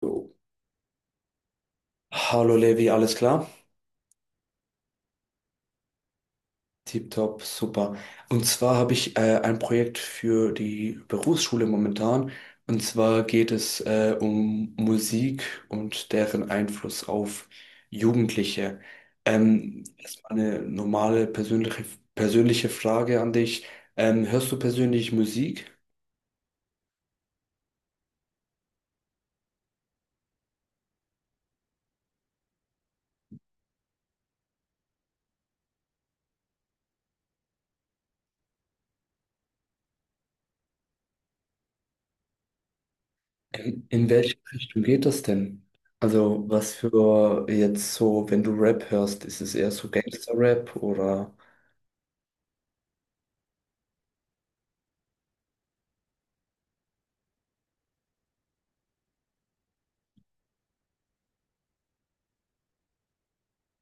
Jo. Hallo Levi, alles klar? Tipptopp, super. Und zwar habe ich ein Projekt für die Berufsschule momentan. Und zwar geht es um Musik und deren Einfluss auf Jugendliche. Erstmal eine persönliche Frage an dich. Hörst du persönlich Musik? In welche Richtung geht das denn? Also was für jetzt so, wenn du Rap hörst, ist es eher so Gangster-Rap oder...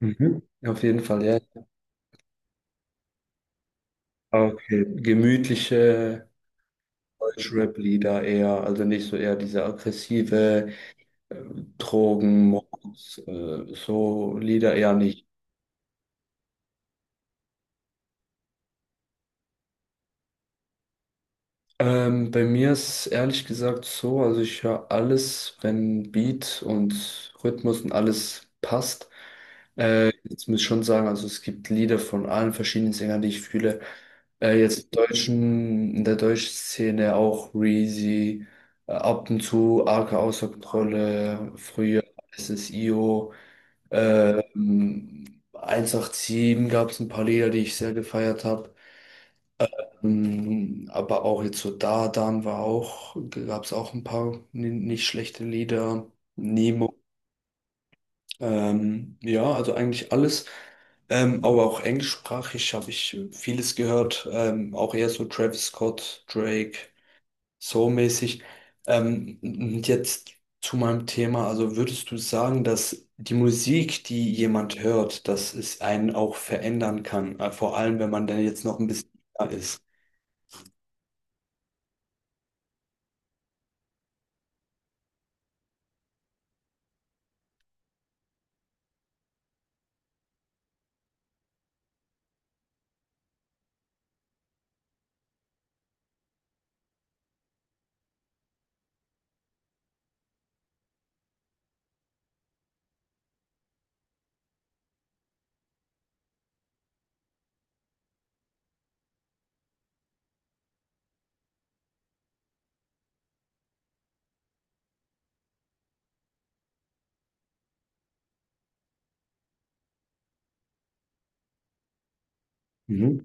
Mhm. Auf jeden Fall, ja. Okay, gemütliche Deutschrap-Lieder eher, also nicht so eher diese aggressive äh, Drogen, Mords, so Lieder eher nicht. Bei mir ist es ehrlich gesagt so, also ich höre alles, wenn Beat und Rhythmus und alles passt. Jetzt muss ich schon sagen, also es gibt Lieder von allen verschiedenen Sängern, die ich fühle. Jetzt im deutschen, in der deutschen Szene auch Reezy, ab und zu Arke außer Kontrolle, früher SSIO, ähm, 187 gab es ein paar Lieder, die ich sehr gefeiert habe. Aber auch jetzt so Da Dan war auch, gab es auch ein paar nicht schlechte Lieder. Nemo. Ja, also eigentlich alles. Aber auch englischsprachig habe ich vieles gehört. Auch eher so Travis Scott, Drake, so mäßig. Und jetzt zu meinem Thema. Also würdest du sagen, dass die Musik, die jemand hört, dass es einen auch verändern kann? Vor allem, wenn man dann jetzt noch ein bisschen jünger ist. Mhm.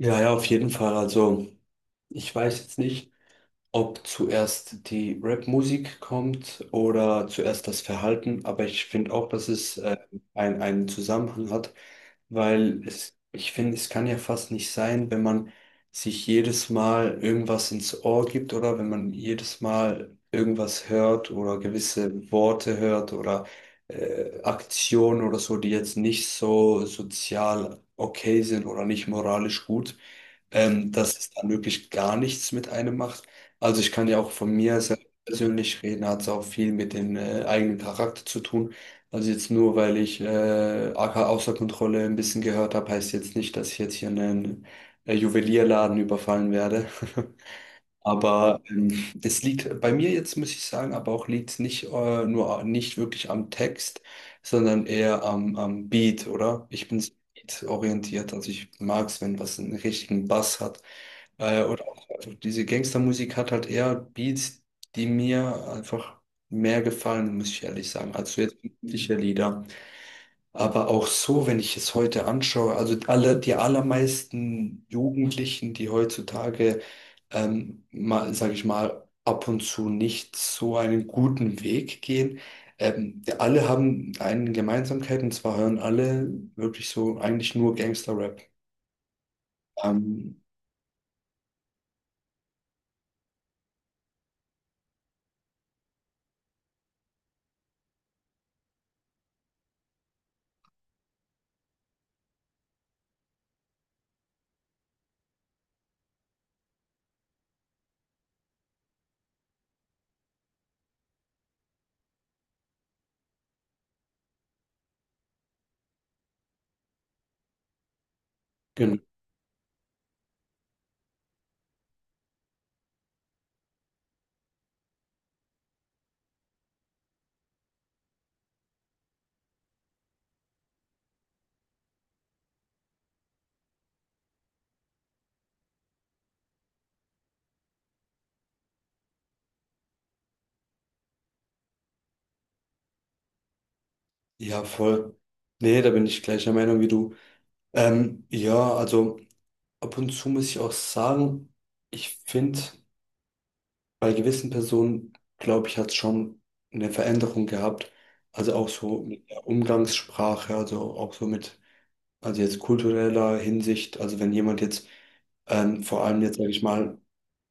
Ja, ja, auf jeden Fall. Also ich weiß jetzt nicht, ob zuerst die Rap-Musik kommt oder zuerst das Verhalten, aber ich finde auch, dass es einen Zusammenhang hat, weil es, ich finde, es kann ja fast nicht sein, wenn man sich jedes Mal irgendwas ins Ohr gibt oder wenn man jedes Mal irgendwas hört oder gewisse Worte hört oder Aktionen oder so, die jetzt nicht so sozial okay sind oder nicht moralisch gut, dass es dann wirklich gar nichts mit einem macht. Also ich kann ja auch von mir selbst persönlich reden, hat es auch viel mit dem eigenen Charakter zu tun. Also jetzt nur, weil ich AK außer Kontrolle ein bisschen gehört habe, heißt jetzt nicht, dass ich jetzt hier einen Juwelierladen überfallen werde. Aber es liegt bei mir jetzt, muss ich sagen, aber auch liegt es nicht wirklich am Text, sondern eher am Beat, oder? Ich bin beat orientiert, also ich mag es, wenn was einen richtigen Bass hat. Und auch, also diese Gangstermusik hat halt eher Beats, die mir einfach mehr gefallen, muss ich ehrlich sagen, als so jetzt übliche Lieder. Aber auch so, wenn ich es heute anschaue, also alle, die allermeisten Jugendlichen, die heutzutage, mal, sage ich mal, ab und zu nicht so einen guten Weg gehen, die alle haben eine Gemeinsamkeit und zwar hören alle wirklich so eigentlich nur Gangster-Rap. Ähm, genau. Ja, voll. Nee, da bin ich gleicher Meinung wie du. Ja, also ab und zu muss ich auch sagen, ich finde, bei gewissen Personen, glaube ich, hat es schon eine Veränderung gehabt. Also auch so mit der Umgangssprache, also auch so mit, also jetzt kultureller Hinsicht. Also wenn jemand jetzt, vor allem jetzt, sage ich mal,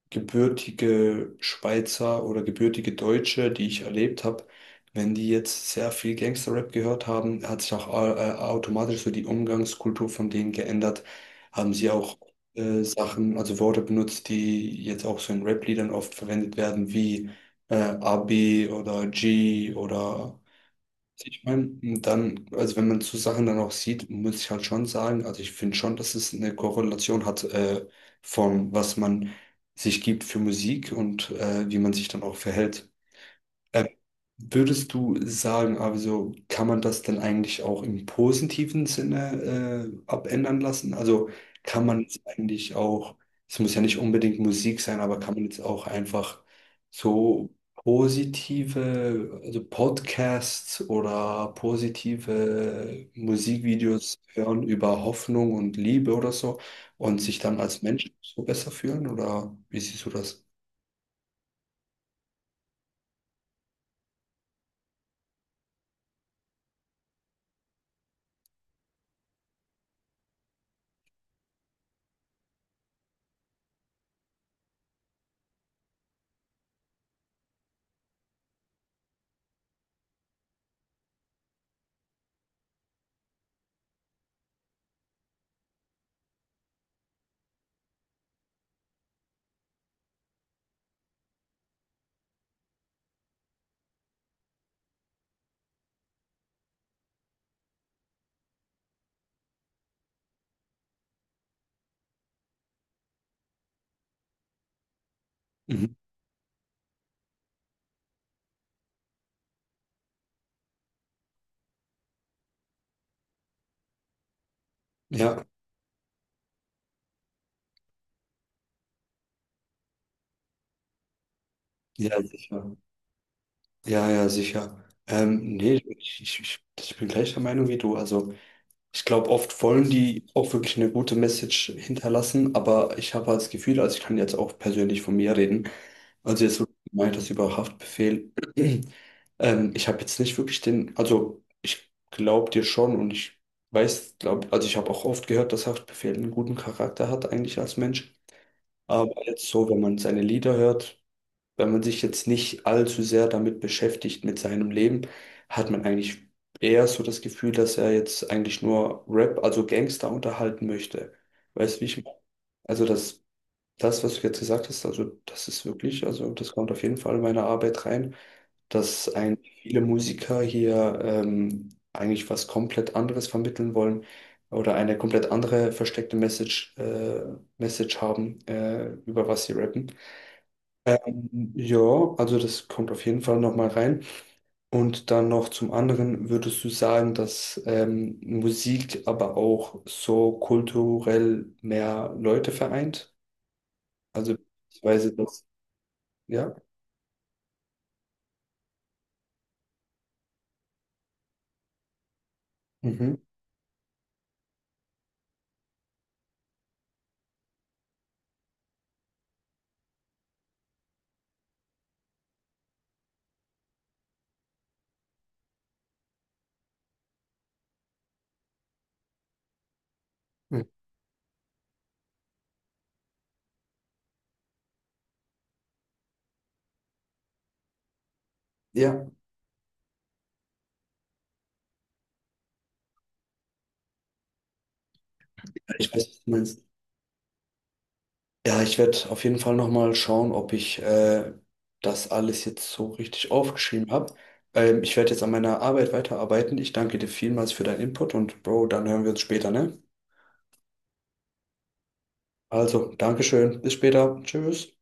gebürtige Schweizer oder gebürtige Deutsche, die ich erlebt habe, wenn die jetzt sehr viel Gangster-Rap gehört haben, hat sich auch automatisch so die Umgangskultur von denen geändert. Haben sie auch Sachen, also Worte benutzt, die jetzt auch so in Rap-Liedern oft verwendet werden, wie AB oder G oder ich meine, dann, also wenn man so Sachen dann auch sieht, muss ich halt schon sagen, also ich finde schon, dass es eine Korrelation hat, von was man sich gibt für Musik und wie man sich dann auch verhält. Äh, Würdest du sagen, also kann man das dann eigentlich auch im positiven Sinne abändern lassen? Also kann man jetzt eigentlich auch, Es muss ja nicht unbedingt Musik sein, aber kann man jetzt auch einfach so positive, also Podcasts oder positive Musikvideos hören über Hoffnung und Liebe oder so und sich dann als Mensch so besser fühlen? Oder wie siehst du das? Mhm. Ja, ja, sicher. Ja, ja, sicher. Nee, ich bin gleicher Meinung wie du. Also ich glaube, oft wollen die auch wirklich eine gute Message hinterlassen, aber ich habe halt das Gefühl, also ich kann jetzt auch persönlich von mir reden. Also jetzt, wo du gemeint hast über Haftbefehl, ich habe jetzt nicht wirklich den, also ich glaube dir schon und ich weiß, glaub, also ich habe auch oft gehört, dass Haftbefehl einen guten Charakter hat eigentlich als Mensch. Aber jetzt so, wenn man seine Lieder hört, wenn man sich jetzt nicht allzu sehr damit beschäftigt mit seinem Leben, hat man eigentlich eher so das Gefühl, dass er jetzt eigentlich nur Rap, also Gangster unterhalten möchte. Weißt du, wie ich meine? Also was du jetzt gesagt hast, also das ist wirklich, also das kommt auf jeden Fall in meine Arbeit rein, dass eigentlich viele Musiker hier, eigentlich was komplett anderes vermitteln wollen oder eine komplett andere versteckte Message haben, über was sie rappen. Ja, also das kommt auf jeden Fall nochmal rein. Und dann noch zum anderen, würdest du sagen, dass Musik aber auch so kulturell mehr Leute vereint? Also beziehungsweise das, ja? Mhm. Mhm. Ja, ich weiß, was du meinst. Ja, ich werde auf jeden Fall nochmal schauen, ob ich das alles jetzt so richtig aufgeschrieben habe. Ich werde jetzt an meiner Arbeit weiterarbeiten. Ich danke dir vielmals für deinen Input und Bro, dann hören wir uns später, ne? Also, Dankeschön. Bis später. Tschüss.